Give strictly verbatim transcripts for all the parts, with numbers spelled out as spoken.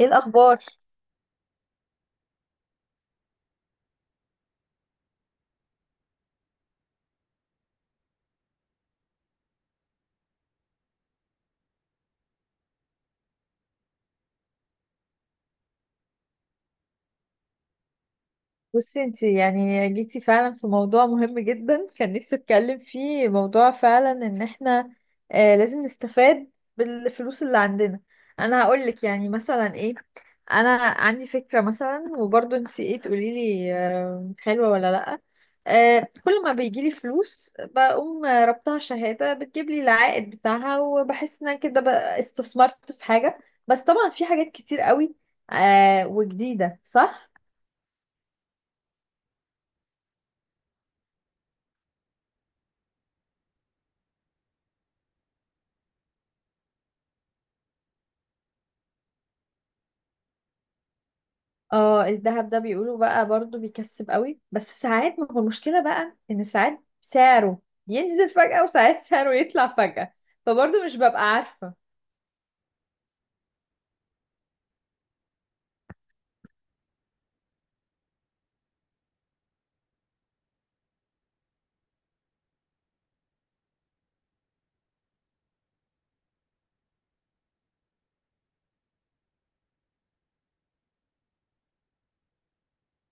ايه الاخبار؟ بصي، انت يعني جيتي فعلا في موضوع مهم جدا كان نفسي اتكلم فيه. موضوع فعلا ان احنا آه لازم نستفاد بالفلوس اللي عندنا. انا هقول لك يعني مثلا ايه. انا عندي فكرة مثلا، وبرضه انت ايه تقولي لي، آه حلوة ولا لا؟ آه كل ما بيجي لي فلوس بقوم آه، ربطها شهادة بتجيب لي العائد بتاعها، وبحس ان أنا كده بقى استثمرت في حاجة. بس طبعا في حاجات كتير قوي آه وجديدة، صح؟ اه الذهب ده بيقولوا بقى برضو بيكسب قوي، بس ساعات ما هو المشكلة بقى ان ساعات سعره ينزل فجأة وساعات سعره يطلع فجأة، فبرضو مش ببقى عارفة.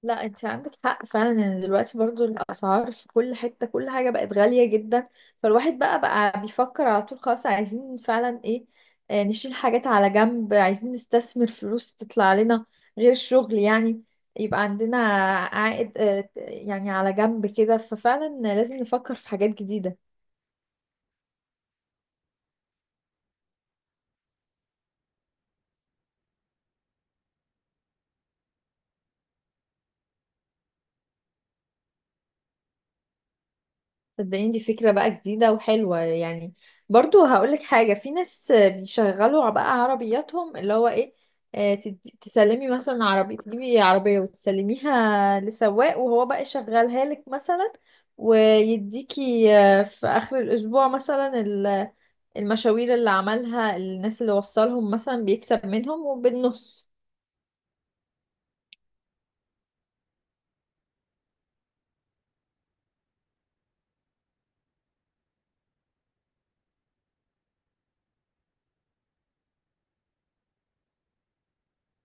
لا، انت عندك حق فعلا، ان دلوقتي برضو الاسعار في كل حتة كل حاجة بقت غالية جدا. فالواحد بقى بقى بيفكر على طول، خلاص عايزين فعلا ايه، آه، نشيل حاجات على جنب، عايزين نستثمر فلوس تطلع لنا غير الشغل يعني، يبقى عندنا عائد آه، يعني على جنب كده. ففعلا لازم نفكر في حاجات جديدة. صدقيني، دي فكرة بقى جديدة وحلوة يعني. برضو هقولك حاجة، في ناس بيشغلوا بقى عربياتهم، اللي هو ايه، آه، تدي- تسلمي مثلا عربية، تجيبي عربية وتسلميها لسواق وهو بقى يشغلها لك مثلا، ويديكي آه، في آخر الأسبوع مثلا ال- المشاوير اللي عملها الناس اللي وصلهم مثلا، بيكسب منهم وبالنص.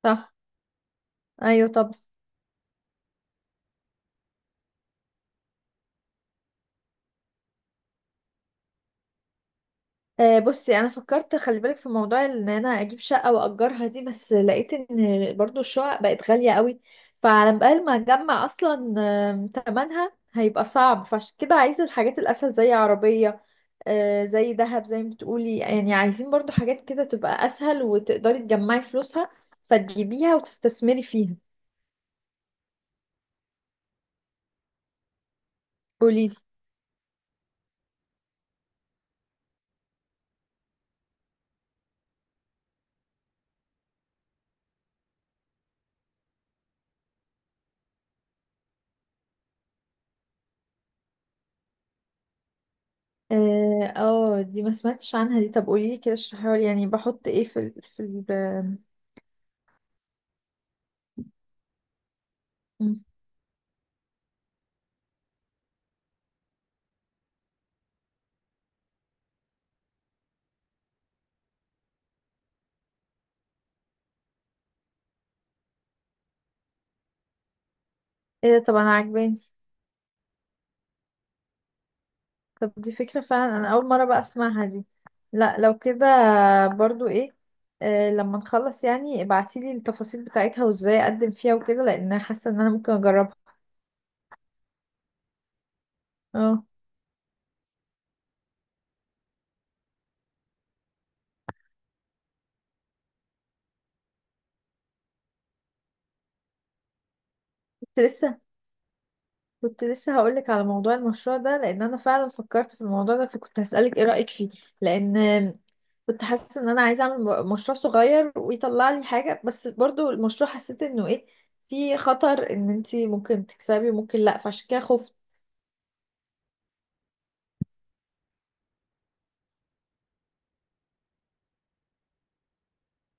صح. أيوة، طب آه، بصي، انا فكرت خلي بالك، في موضوع ان انا اجيب شقه واجرها دي، بس لقيت ان برضو الشقق بقت غاليه قوي، فعلى بال ما اجمع اصلا آم، تمنها هيبقى صعب، فعشان كده عايزه الحاجات الاسهل زي عربيه، آه، زي ذهب، زي ما بتقولي يعني. عايزين برضو حاجات كده تبقى اسهل وتقدري تجمعي فلوسها، فتجيبيها وتستثمري فيها. قوليلي. اه آه، دي ما سمعتش عنها. دي طب قوليلي كده، اشرحيها لي، يعني بحط ايه في ال... في ال... آم، ايه ده؟ طب انا عاجباني. طب دي فكرة فعلا، أنا أول مرة بقى أسمعها دي. لا لو كده برضو إيه، آه لما نخلص يعني ابعتيلي التفاصيل بتاعتها وإزاي أقدم فيها وكده، لأن أنا حاسة إن أنا ممكن أجربها. اه كنت لسه كنت لسه هقولك على موضوع المشروع ده، لأن أنا فعلا فكرت في الموضوع ده، فكنت هسألك إيه رأيك فيه. لأن كنت حاسة إن أنا عايزة أعمل مشروع صغير ويطلع لي حاجة، بس برضو المشروع حسيت إنه إيه، في خطر إن أنتي ممكن تكسبي وممكن لأ، فعشان كده خفت.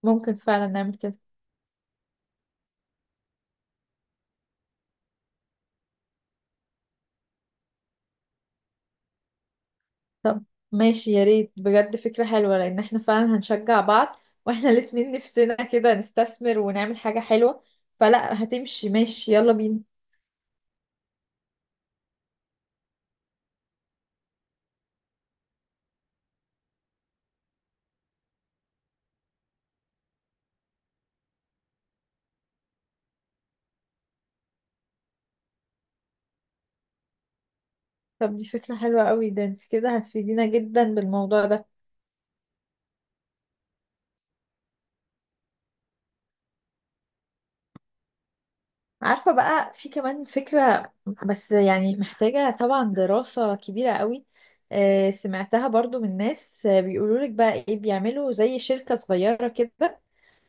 ممكن فعلا نعمل كده. طب ماشي، يا ريت بجد فكرة حلوة، لأن احنا فعلا هنشجع بعض. واحنا الاتنين نفسنا كده نستثمر ونعمل حاجة حلوة، فلا هتمشي. ماشي، يلا بينا. طب دي فكرة حلوة قوي، ده انت كده هتفيدينا جدا بالموضوع ده. عارفة بقى، في كمان فكرة، بس يعني محتاجة طبعا دراسة كبيرة قوي. آه، سمعتها برضو من ناس، آه، بيقولوا لك بقى ايه، بيعملوا زي شركة صغيرة كده،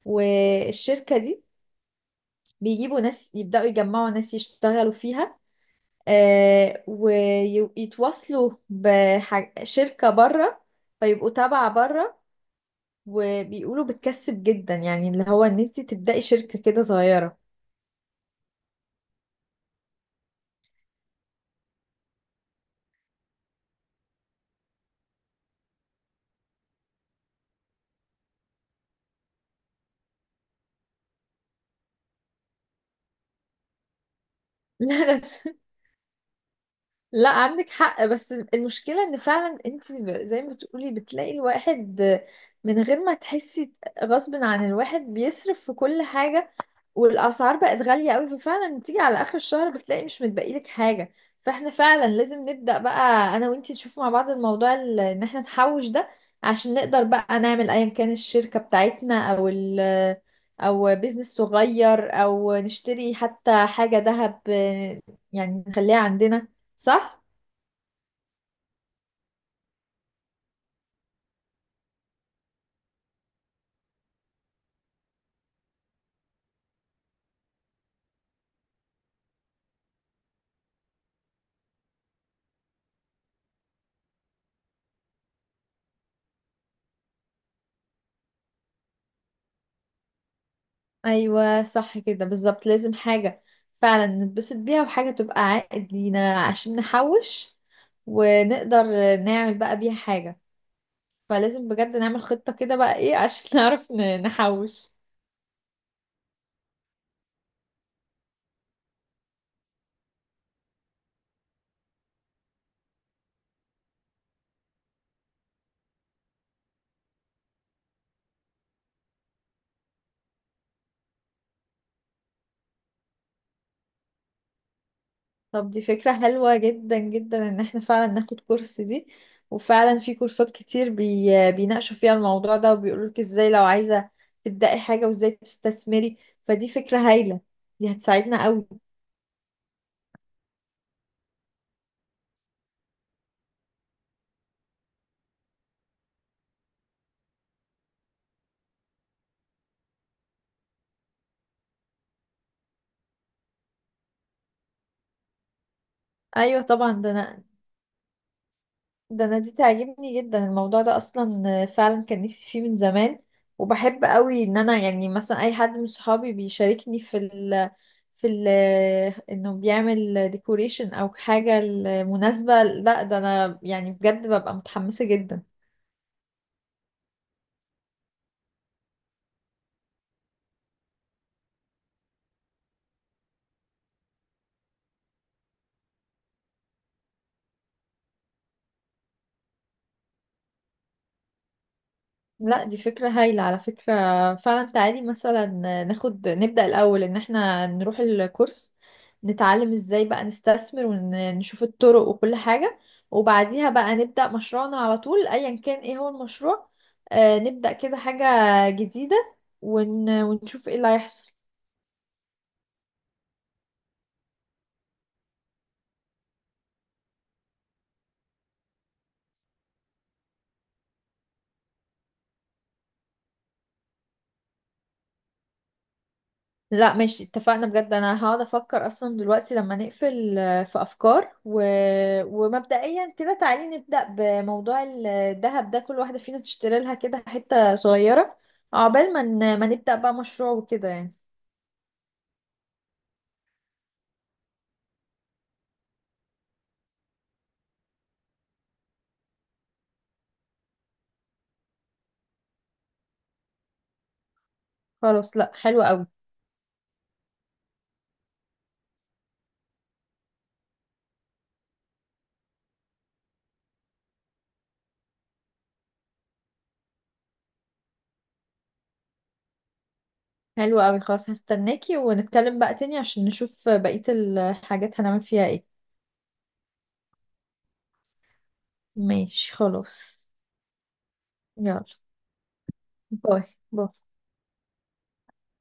والشركة دي بيجيبوا ناس يبدأوا يجمعوا ناس يشتغلوا فيها، آه، ويتواصلوا بشركة بره فيبقوا تابعة بره. وبيقولوا بتكسب جدا، يعني اللي هو ان انت تبدأي شركة كده صغيرة. لا، لا. لا عندك حق، بس المشكلة ان فعلا انت، ب- زي ما بتقولي، بتلاقي الواحد من غير ما تحسي، غصب عن الواحد بيصرف في كل حاجة، والاسعار بقت غاليه قوي، ففعلا بتيجي على اخر الشهر بتلاقي مش متبقي لك حاجه. فاحنا فعلا لازم نبدا بقى انا وانتي، نشوف مع بعض الموضوع، ال- ان احنا نحوش ده، عشان نقدر بقى نعمل ايا كان الشركه بتاعتنا او ال او بيزنس صغير، او نشتري حتى حاجه ذهب، آه، يعني نخليها عندنا، صح؟ ايوه صح كده بالظبط، لازم حاجه فعلا نتبسط بيها وحاجه تبقى عائد لينا عشان نحوش، ونقدر نعمل بقى بيها حاجة. فلازم بجد نعمل خطة كده بقى ايه عشان نعرف ن- نحوش. طب دي فكرة حلوة جدا جدا، ان احنا فعلا ناخد كورس دي. وفعلا في كورسات كتير بي... بيناقشوا فيها الموضوع ده، وبيقولولك ازاي لو عايزة تبدأي حاجة وازاي تستثمري. فدي فكرة هايلة، دي هتساعدنا قوي. ايوه طبعا، ده انا ده انا دي تعجبني جدا، الموضوع ده اصلا فعلا كان نفسي فيه من زمان. وبحب قوي ان انا يعني مثلا اي حد من صحابي بيشاركني في ال في ال انه بيعمل ديكوريشن او حاجة لمناسبة، لا ده انا يعني بجد ببقى متحمسة جدا. لا دي فكرة هايلة على فكرة. فعلا تعالي مثلا ناخد نبدأ الأول إن احنا نروح الكورس، نتعلم ازاي بقى نستثمر ونشوف الطرق وكل حاجة. وبعديها بقى نبدأ مشروعنا على طول، أيا كان ايه هو المشروع، آه، نبدأ كده حاجة جديدة، ون... ونشوف ايه اللي هيحصل. لا ماشي، اتفقنا بجد. انا هقعد افكر اصلا دلوقتي لما نقفل، آه، في افكار و... ومبدئيا كده تعالي نبدأ بموضوع الذهب ده، كل واحدة فينا تشتري لها كده حتة صغيرة، عقبال ما ن... ما نبدأ بقى مشروع وكده يعني. خلاص. لا، حلو قوي حلو قوي. خلاص هستناكي، ونتكلم بقى تاني عشان نشوف بقية الحاجات هنعمل فيها ايه. ماشي خلاص. يلا. باي. باي.